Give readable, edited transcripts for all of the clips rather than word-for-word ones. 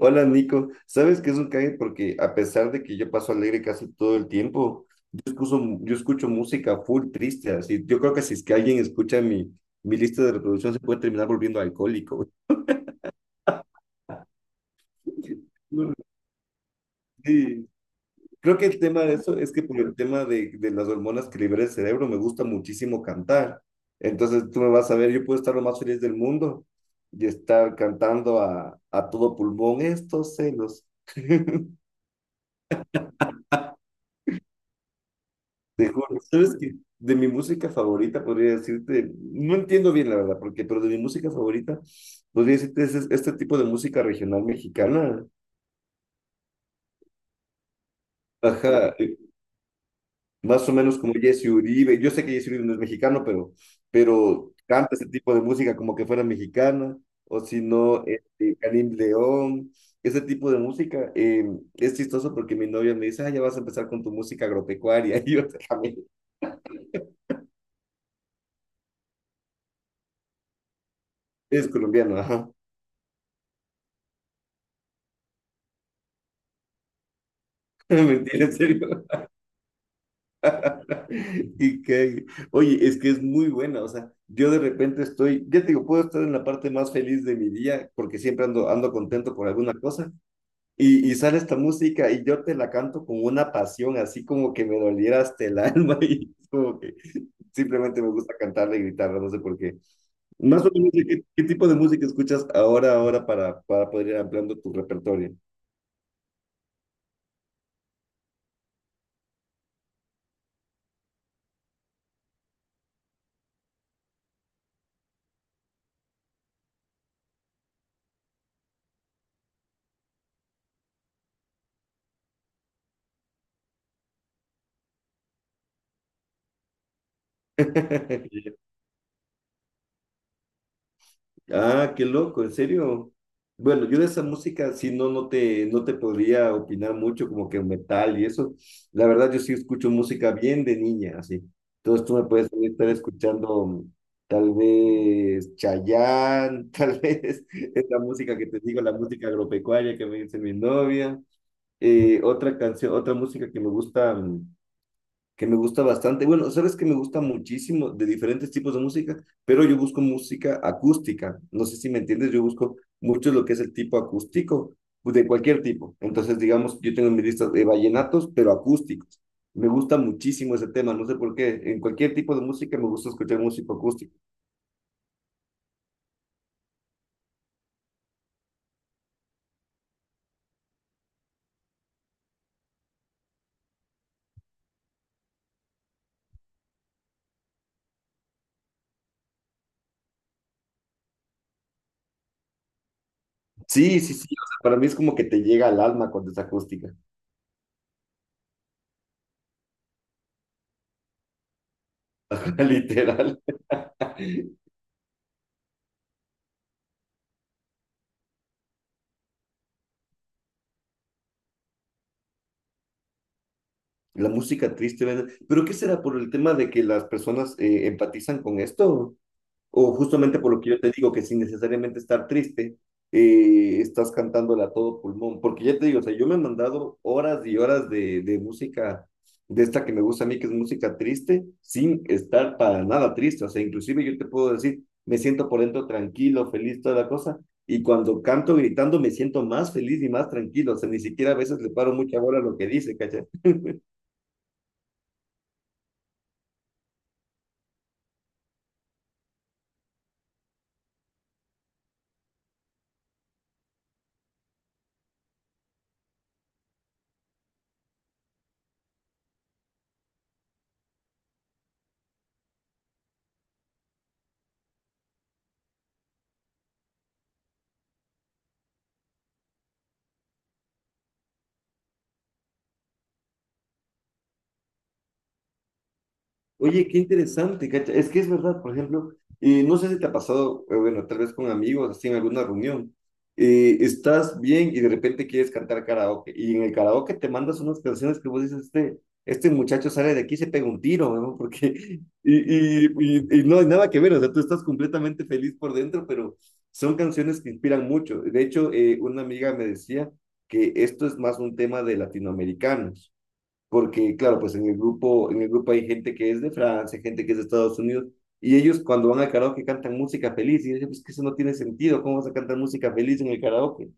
Hola Nico, ¿sabes qué es un cague? Porque a pesar de que yo paso alegre casi todo el tiempo, yo escucho música full triste, así. Yo creo que si es que alguien escucha mi lista de reproducción se puede terminar volviendo alcohólico. No, sí, creo que el tema de eso es que por el tema de las hormonas que libera el cerebro me gusta muchísimo cantar. Entonces tú me vas a ver, yo puedo estar lo más feliz del mundo y estar cantando a todo pulmón estos celos. Te juro, ¿sabes qué? De mi música favorita podría decirte, no entiendo bien la verdad, porque, pero de mi música favorita podría decirte este tipo de música regional mexicana. Ajá, más o menos como Jesse Uribe. Yo sé que Jesse Uribe no es mexicano, pero canta ese tipo de música como que fuera mexicana, o si no, Karim León, ese tipo de música. Es chistoso porque mi novia me dice, ah, ya vas a empezar con tu música agropecuaria. Y yo, "Déjame, es colombiano, ajá. Mentira, en serio. Y que, oye, es que es muy buena, o sea, yo de repente estoy, ya te digo, puedo estar en la parte más feliz de mi día porque siempre ando contento por alguna cosa y sale esta música y yo te la canto con una pasión, así como que me doliera hasta el alma y es como que simplemente me gusta cantarla y gritarla, no sé por qué. Más o menos, ¿ qué tipo de música escuchas ahora para poder ir ampliando tu repertorio? Ah, qué loco, en serio. Bueno, yo de esa música sí no, no te podría opinar mucho, como que metal y eso. La verdad, yo sí escucho música bien de niña, así. Entonces tú me puedes estar escuchando tal vez Chayanne, tal vez esa música que te digo, la música agropecuaria que me dice mi novia. Otra canción, otra música que me gusta. Que me gusta bastante. Bueno, sabes que me gusta muchísimo de diferentes tipos de música, pero yo busco música acústica. No sé si me entiendes, yo busco mucho lo que es el tipo acústico, pues, de cualquier tipo. Entonces, digamos, yo tengo en mi lista de vallenatos, pero acústicos. Me gusta muchísimo ese tema, no sé por qué. En cualquier tipo de música me gusta escuchar música acústica. Sí, sí, sí, o sea, para mí es como que te llega al alma cuando es acústica, literal. La música triste, ¿verdad? ¿Pero qué será por el tema de que las personas empatizan con esto? O justamente por lo que yo te digo, que sin necesariamente estar triste, estás cantándola a todo pulmón, porque ya te digo, o sea, yo me he mandado horas y horas de música, de esta que me gusta a mí, que es música triste, sin estar para nada triste, o sea, inclusive yo te puedo decir, me siento por dentro tranquilo, feliz, toda la cosa, y cuando canto gritando me siento más feliz y más tranquilo, o sea, ni siquiera a veces le paro mucha bola a lo que dice, ¿cachai? Oye, qué interesante, cacha. Es que es verdad, por ejemplo, no sé si te ha pasado, bueno, tal vez con amigos, así en alguna reunión, estás bien y de repente quieres cantar karaoke, y en el karaoke te mandas unas canciones que vos dices, este muchacho sale de aquí y se pega un tiro, ¿no? Porque, y no hay nada que ver, o sea, tú estás completamente feliz por dentro, pero son canciones que inspiran mucho. De hecho, una amiga me decía que esto es más un tema de latinoamericanos porque claro, pues en el grupo hay gente que es de Francia, gente que es de Estados Unidos, y ellos cuando van al karaoke cantan música feliz, y yo decía, pues que eso no tiene sentido, ¿cómo vas a cantar música feliz en el karaoke?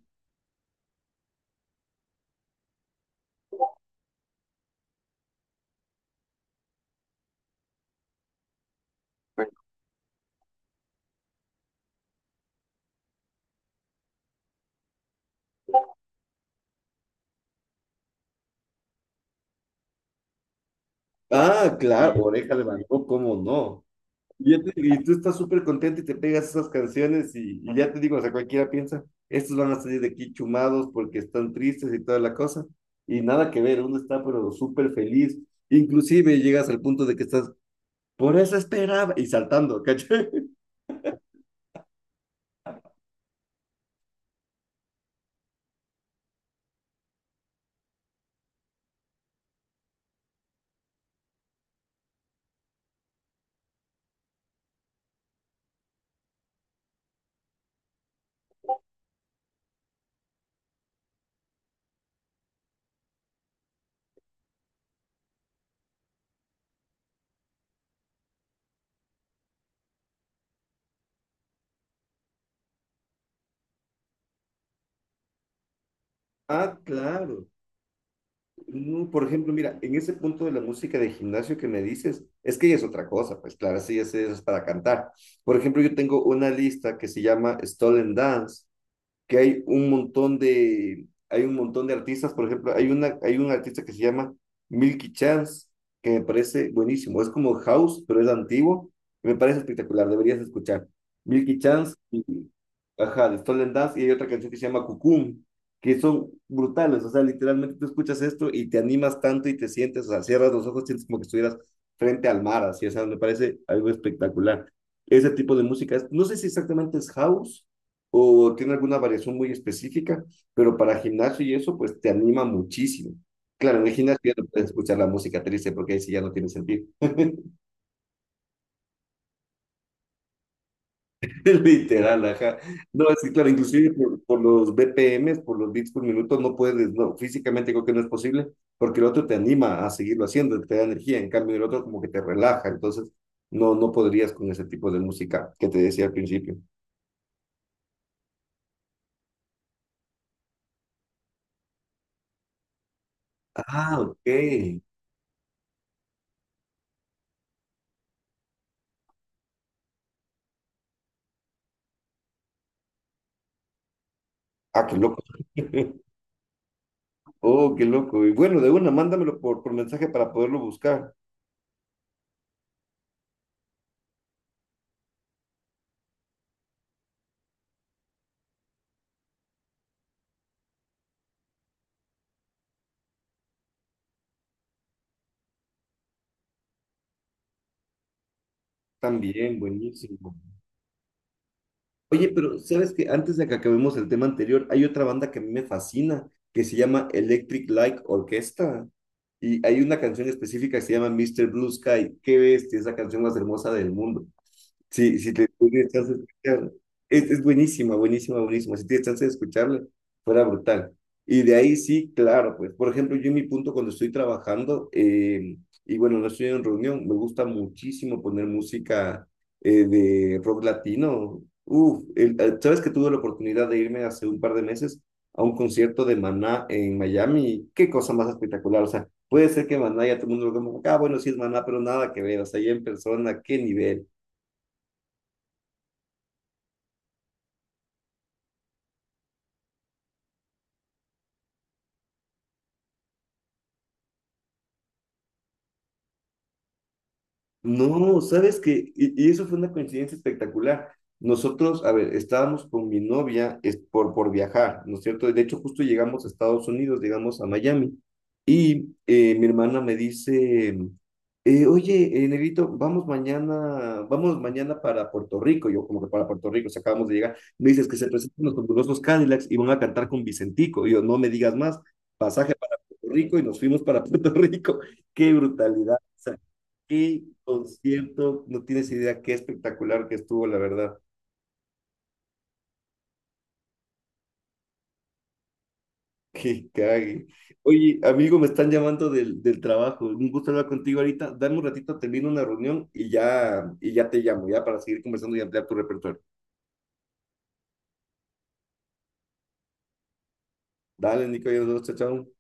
Ah, claro, Oreja de Van Gogh, ¿cómo no? Y tú estás súper contento y te pegas esas canciones y ya te digo, o sea, cualquiera piensa, estos van a salir de aquí chumados porque están tristes y toda la cosa, y nada que ver, uno está pero súper feliz, inclusive llegas al punto de que estás, por eso esperaba, y saltando, ¿cachai? Ah, claro. No, por ejemplo, mira, en ese punto de la música de gimnasio que me dices, es que ya es otra cosa, pues claro, sí, eso es para cantar. Por ejemplo, yo tengo una lista que se llama Stolen Dance, que hay un montón de, hay un montón de artistas, por ejemplo, hay una, hay un artista que se llama Milky Chance, que me parece buenísimo, es como house, pero es antiguo, y me parece espectacular, deberías escuchar. Milky Chance, ajá, de Stolen Dance, y hay otra canción que se llama Cucum, que son brutales, o sea, literalmente tú escuchas esto y te animas tanto y te sientes, o sea, cierras los ojos, sientes como que estuvieras frente al mar, así, o sea, me parece algo espectacular. Ese tipo de música, no sé si exactamente es house o tiene alguna variación muy específica, pero para gimnasio y eso, pues te anima muchísimo. Claro, en el gimnasio ya no puedes escuchar la música triste porque ahí sí ya no tiene sentido. Literal, ajá. No, sí, claro, inclusive por los BPMs, por los bits por minuto, no puedes, no, físicamente creo que no es posible, porque el otro te anima a seguirlo haciendo, te da energía, en cambio el otro como que te relaja, entonces no, no podrías con ese tipo de música que te decía al principio. Ah, ok. Ah, qué loco. Oh, qué loco. Y bueno, de una, mándamelo por mensaje para poderlo buscar. También, buenísimo. Oye, pero sabes que antes de que acabemos el tema anterior, hay otra banda que a mí me fascina, que se llama Electric Light Orchestra. Y hay una canción específica que se llama Mr. Blue Sky. Qué bestia, es la canción más hermosa del mundo. Sí, si tienes chance de escucharla. Es buenísima, buenísima, buenísima. Si tienes chance de escucharla, fuera brutal. Y de ahí sí, claro, pues, por ejemplo, yo en mi punto cuando estoy trabajando, y bueno, no estoy en reunión, me gusta muchísimo poner música de rock latino. Uf, sabes que tuve la oportunidad de irme hace un par de meses a un concierto de Maná en Miami. Qué cosa más espectacular. O sea, puede ser que Maná ya todo el mundo lo como, ah, bueno, sí es Maná, pero nada que ver. O sea, ya en persona, qué nivel. No, sabes que, y eso fue una coincidencia espectacular. Nosotros, a ver, estábamos con mi novia es por viajar, ¿no es cierto? De hecho, justo llegamos a Estados Unidos, llegamos a Miami, y mi hermana me dice, oye, Negrito, vamos mañana para Puerto Rico, yo como que para Puerto Rico, si acabamos de llegar, me dices que se presentan los fabulosos Cadillacs y van a cantar con Vicentico, y yo, no me digas más, pasaje para Puerto Rico, y nos fuimos para Puerto Rico, qué brutalidad. Qué concierto, no tienes idea qué espectacular que estuvo, la verdad. Qué cague. Oye, amigo, me están llamando del trabajo. Un gusto hablar contigo ahorita. Dame un ratito, termino una reunión y ya te llamo, ya para seguir conversando y ampliar tu repertorio. Dale, Nico, ya nos vemos, chao, chao.